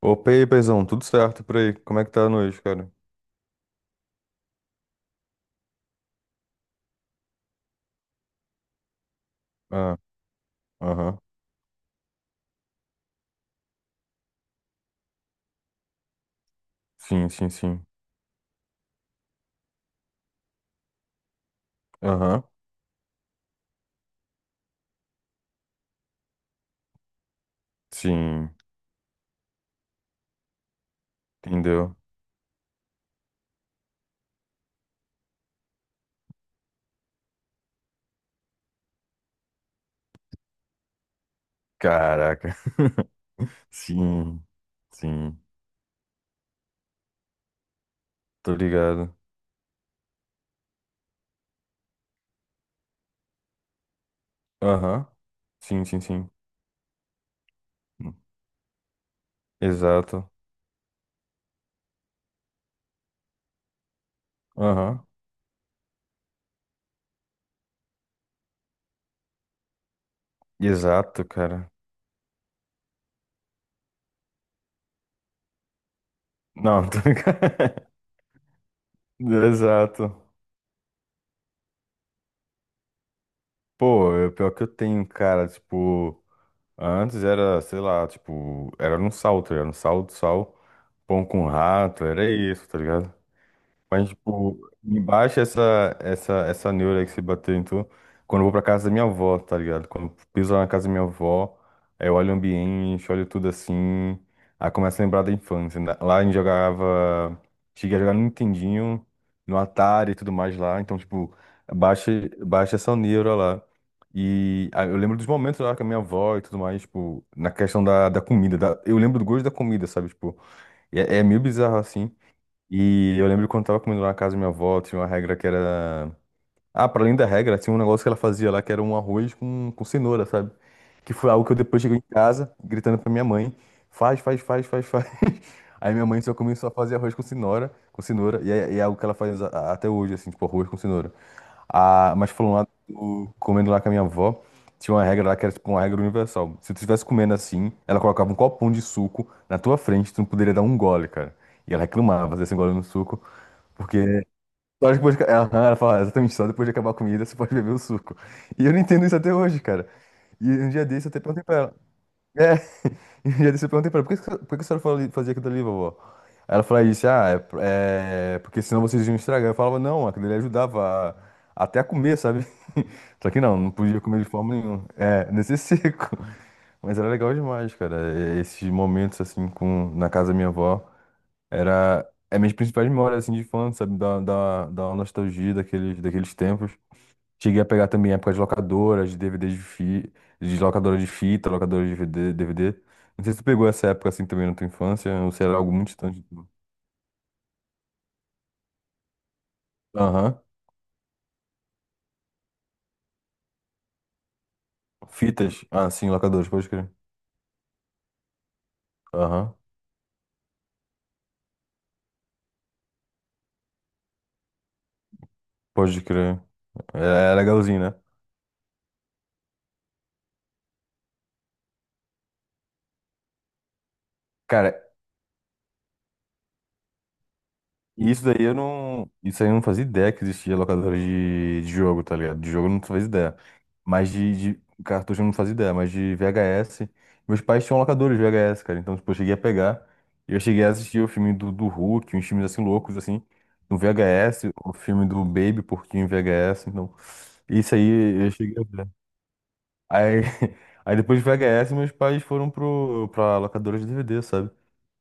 Opa, e aí, paizão, tudo certo por aí? Como é que tá a noite, cara? Ah, aham. Sim, sim, sim. Aham. Sim, entendeu? Caraca. Sim, sim. Tô ligado. Aham. Sim, sim, sim. Exato. Aham. Exato, cara. Não, tô ligado. Exato. Pô, é o pior que eu tenho, cara. Tipo, antes era, sei lá, tipo, era no sal, tá ligado? Sal, sal, pão com rato, era isso, tá ligado? Mas, tipo, me baixa essa neura aí que se bateu em tu quando eu vou pra casa da minha avó, tá ligado? Quando eu piso lá na casa da minha avó, aí eu olho o ambiente, olho tudo assim, aí começo a lembrar da infância, né? Lá a gente jogava, cheguei a jogar no Nintendinho, no Atari e tudo mais lá, então, tipo, baixa, baixa essa neura lá. E ah, eu lembro dos momentos lá com a minha avó e tudo mais, tipo, na questão da comida, eu lembro do gosto da comida, sabe? Tipo, é meio bizarro assim. E eu lembro quando eu tava comendo lá na casa da minha avó, tinha uma regra que era. Ah, pra além da regra, tinha um negócio que ela fazia lá, que era um arroz com cenoura, sabe? Que foi algo que eu depois cheguei em casa, gritando pra minha mãe, faz, faz, faz, faz, faz. Aí minha mãe só começou a fazer arroz com cenoura, e é algo que ela faz até hoje, assim, tipo, arroz com cenoura. Ah, mas falando lá, comendo lá com a minha avó, tinha uma regra lá que era tipo uma regra universal. Se tu estivesse comendo assim, ela colocava um copão de suco na tua frente, tu não poderia dar um gole, cara. E ela reclamava desse gole no suco, porque só depois de... Aham, ela fala, exatamente, só depois de acabar a comida você pode beber o suco. E eu não entendo isso até hoje, cara. E um dia desse eu até perguntei pra ela. É, e um dia desse eu perguntei pra ela, por que, por que que a senhora fazia aquilo ali, vovó? Aí ela falou isso, ah, é, é porque senão vocês iam estragar. Eu falava, não, aquilo ali ajudava até a comer, sabe? Só que não podia comer de forma nenhuma. É, nesse seco. Mas era legal demais, cara, é, esses momentos assim na casa da minha avó. Era é minhas principais memórias assim de infância, sabe? Da nostalgia daqueles tempos. Cheguei a pegar também épocas de locadoras, de DVDs de locadora de fita, locadora de VD DVD. Não sei se tu pegou essa época assim também na tua infância, ou se era algo muito distante. Aham. Fitas. Ah, sim, locadoras, pode crer. Aham. Pode crer. É, é legalzinho, né? Cara, e isso daí eu não. Isso aí eu não fazia ideia que existia locadora de jogo, tá ligado? De jogo eu não fazia ideia. Mas de cartucho eu não fazia ideia. Mas de VHS. Meus pais tinham locadores de VHS, cara. Então, tipo, eu cheguei a pegar. E eu cheguei a assistir o filme do Hulk, uns filmes assim loucos, assim, no VHS, o filme do Baby Porquinho em VHS. Então, isso aí eu cheguei a ver. Aí, aí depois de VHS, meus pais foram pra locadora de DVD, sabe?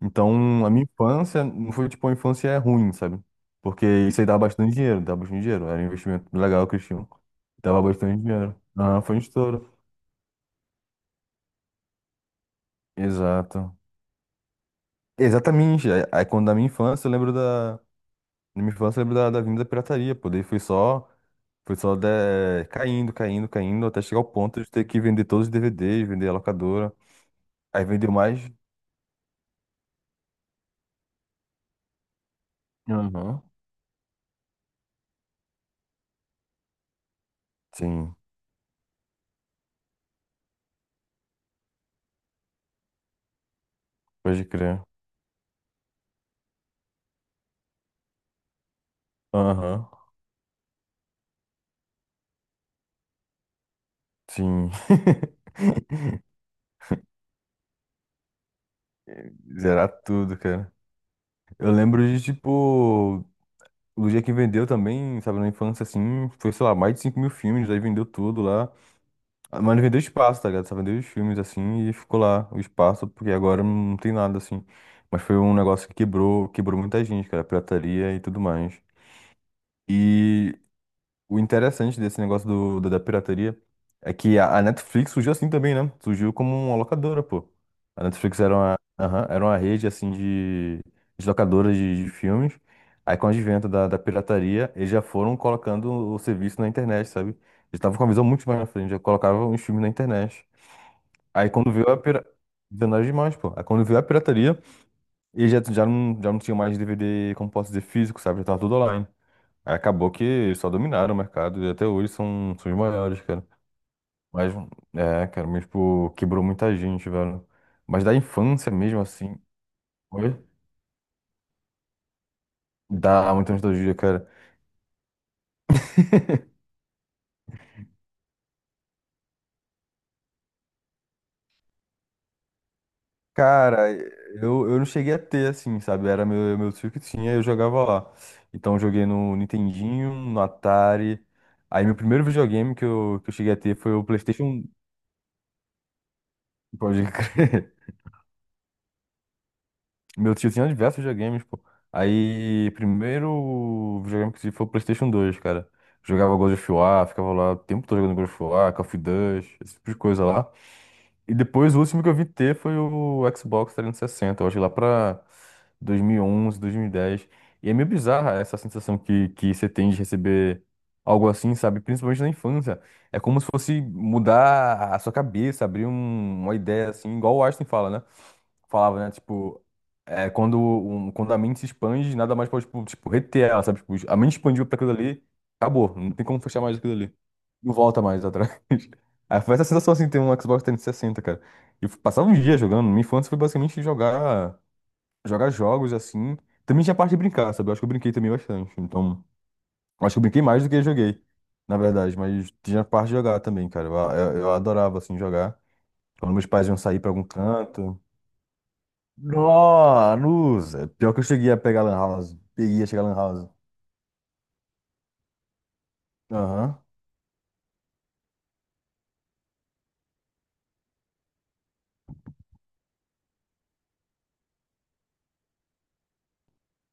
Então, a minha infância não foi tipo uma infância ruim, sabe? Porque isso aí dava bastante dinheiro, dava bastante dinheiro. Era um investimento legal que eles tinham. Dava bastante dinheiro. Ah, foi um estouro. Exato. Exatamente. Aí, quando da minha infância, eu lembro da. Na minha infância, eu lembro da vinda da pirataria, pô. Daí foi só. Foi só de caindo, caindo, caindo, até chegar ao ponto de ter que vender todos os DVDs, vender a locadora. Aí vendeu mais. Aham. Sim, pode crer. Aham. Sim. Zerar tudo, cara. Eu lembro de, tipo, o dia que vendeu também, sabe, na infância, assim, foi, sei lá, mais de 5.000 filmes, aí vendeu tudo lá. Ah, mas não vendeu espaço, tá ligado? Só vendeu os filmes, assim, e ficou lá o espaço, porque agora não tem nada, assim. Mas foi um negócio que quebrou, quebrou muita gente, cara, a pirataria e tudo mais. E o interessante desse negócio da pirataria é que a Netflix surgiu assim também, né? Surgiu como uma locadora, pô. A Netflix era uma, aham, era uma rede, assim, de locadoras de filmes. Aí, com o advento da pirataria, eles já foram colocando o serviço na internet, sabe? Eles estavam com uma visão muito mais na frente, já colocavam os filmes na internet. Aí, quando veio a pira... Visionário demais, pô. Aí, quando veio a pirataria, eles já, não, já não tinham mais DVD, como posso dizer, físico, sabe? Já tava tudo online. Aí acabou que só dominaram o mercado e até hoje são os maiores, cara. Mas, é, cara, mas, tipo, quebrou muita gente, velho. Mas da infância mesmo, assim. Oi? Dá muita nostalgia, cara. Cara, eu não cheguei a ter, assim, sabe? Era meu tio que tinha eu jogava lá. Então, eu joguei no Nintendinho, no Atari. Aí, meu primeiro videogame que eu cheguei a ter foi o PlayStation. Pode crer. Meu tio tinha diversos videogames, pô. Aí, primeiro videogame que eu tive foi o PlayStation 2, cara. Jogava God of War, ficava lá o tempo todo jogando God of War, Call of Duty, esse tipo de coisa lá. E depois o último que eu vi ter foi o Xbox 360, eu acho que lá pra 2011, 2010. E onze, 2010. E é meio bizarra essa sensação que você tem de receber algo assim, sabe? Principalmente na infância. É como se fosse mudar a sua cabeça, abrir uma ideia assim, igual o Einstein fala, né? Falava, né? Tipo, é, quando a mente se expande, nada mais pode, tipo, reter ela, sabe? Tipo, a mente expandiu pra aquilo ali, acabou, não tem como fechar mais aquilo ali. Não volta mais atrás. Aí foi essa sensação assim, ter um Xbox 360, cara. E eu passava uns dias jogando. Minha infância foi basicamente jogar jogos assim. Também tinha a parte de brincar, sabe? Eu acho que eu brinquei também bastante. Então, eu acho que eu brinquei mais do que eu joguei, na verdade. Mas tinha a parte de jogar também, cara. Eu adorava assim jogar. Quando meus pais iam sair pra algum canto. Nossa, Lusa. Pior que eu cheguei a pegar Lan House. Peguei a chegar Lan House. Aham.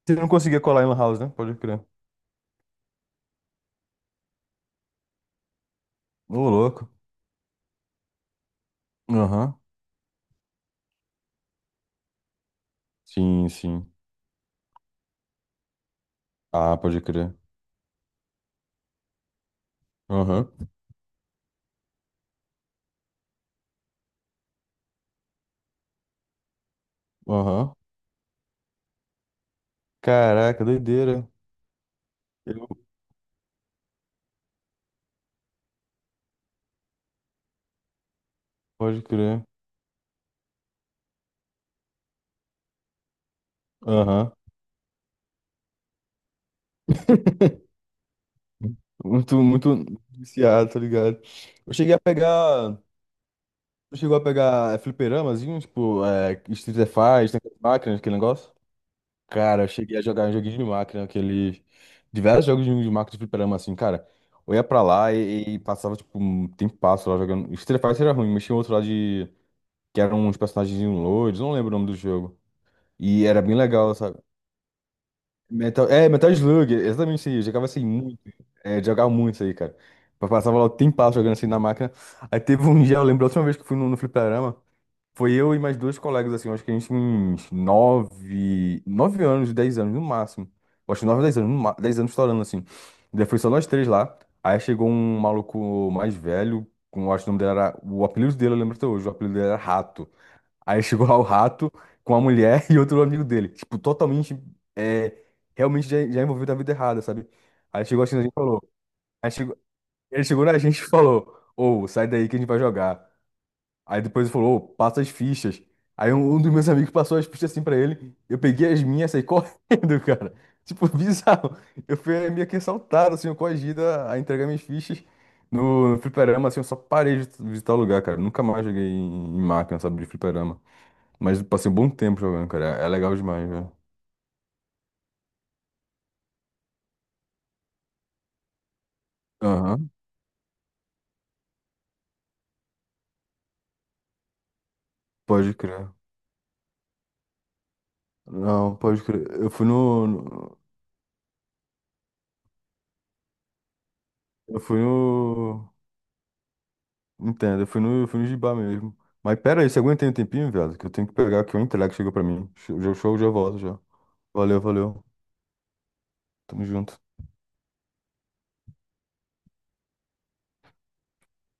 Você não conseguia colar em Lan House, né? Pode crer. Ô, louco. Aham. Sim, sim. Ah, pode crer. Aham. Aham. Caraca, doideira. Eu Pode crer. Aham. Muito, muito viciado, tá ligado? Eu cheguei a pegar. Tu chegou a pegar é, fliperamazinho, tipo, é, Street Fighter, máquinas, aquele negócio? Cara, eu cheguei a jogar um joguinho de máquina, aquele. Diversos jogos de máquina de fliperama, assim, cara. Eu ia pra lá e passava, tipo, um tempasso lá jogando. Street Fighter era ruim, mas tinha outro lá de. Que eram uns personagens loiros, não lembro o nome do jogo. E era bem legal, Metal Slug, exatamente isso aí. Eu jogava assim muito. É, jogava muito isso aí, cara. Eu passava lá o tempo jogando assim na máquina. Aí teve um dia, eu lembro a última vez que eu fui no fliperama, foi eu e mais dois colegas, assim, eu acho que a gente tinha uns nove, 9 anos, 10 anos no máximo. Eu acho que nove, dez anos, no ma- 10 anos estourando, assim. Daí foi só nós três lá. Aí chegou um maluco mais velho, eu acho que o nome dele era. O apelido dele, eu lembro até hoje, o apelido dele era Rato. Aí chegou lá o rato com a mulher e outro amigo dele. Tipo, totalmente, é, realmente já envolvido na vida errada, sabe? Aí chegou assim, a gente falou. Aí chegou, ele chegou na gente e falou: Ô, sai daí que a gente vai jogar. Aí depois ele falou: Ô, passa as fichas. Aí um dos meus amigos passou as fichas assim pra ele. Eu peguei as minhas e saí correndo, cara. Tipo, bizarro. Eu fui meio que assaltado, assim, eu coagido a entregar minhas fichas no fliperama, assim, eu só parei de visitar o lugar, cara. Nunca mais joguei em máquina, sabe, de fliperama. Mas eu passei um bom tempo jogando, cara. É legal demais, velho. Aham, pode crer. Não, pode crer. Eu fui no. no- Eu fui no. Entendo, eu fui no Gibá mesmo. Mas pera aí, você aguenta aí um tempinho, velho? Que eu tenho que pegar aqui o entrega que chegou pra mim. Show, show, já volto já. Valeu, valeu. Tamo junto.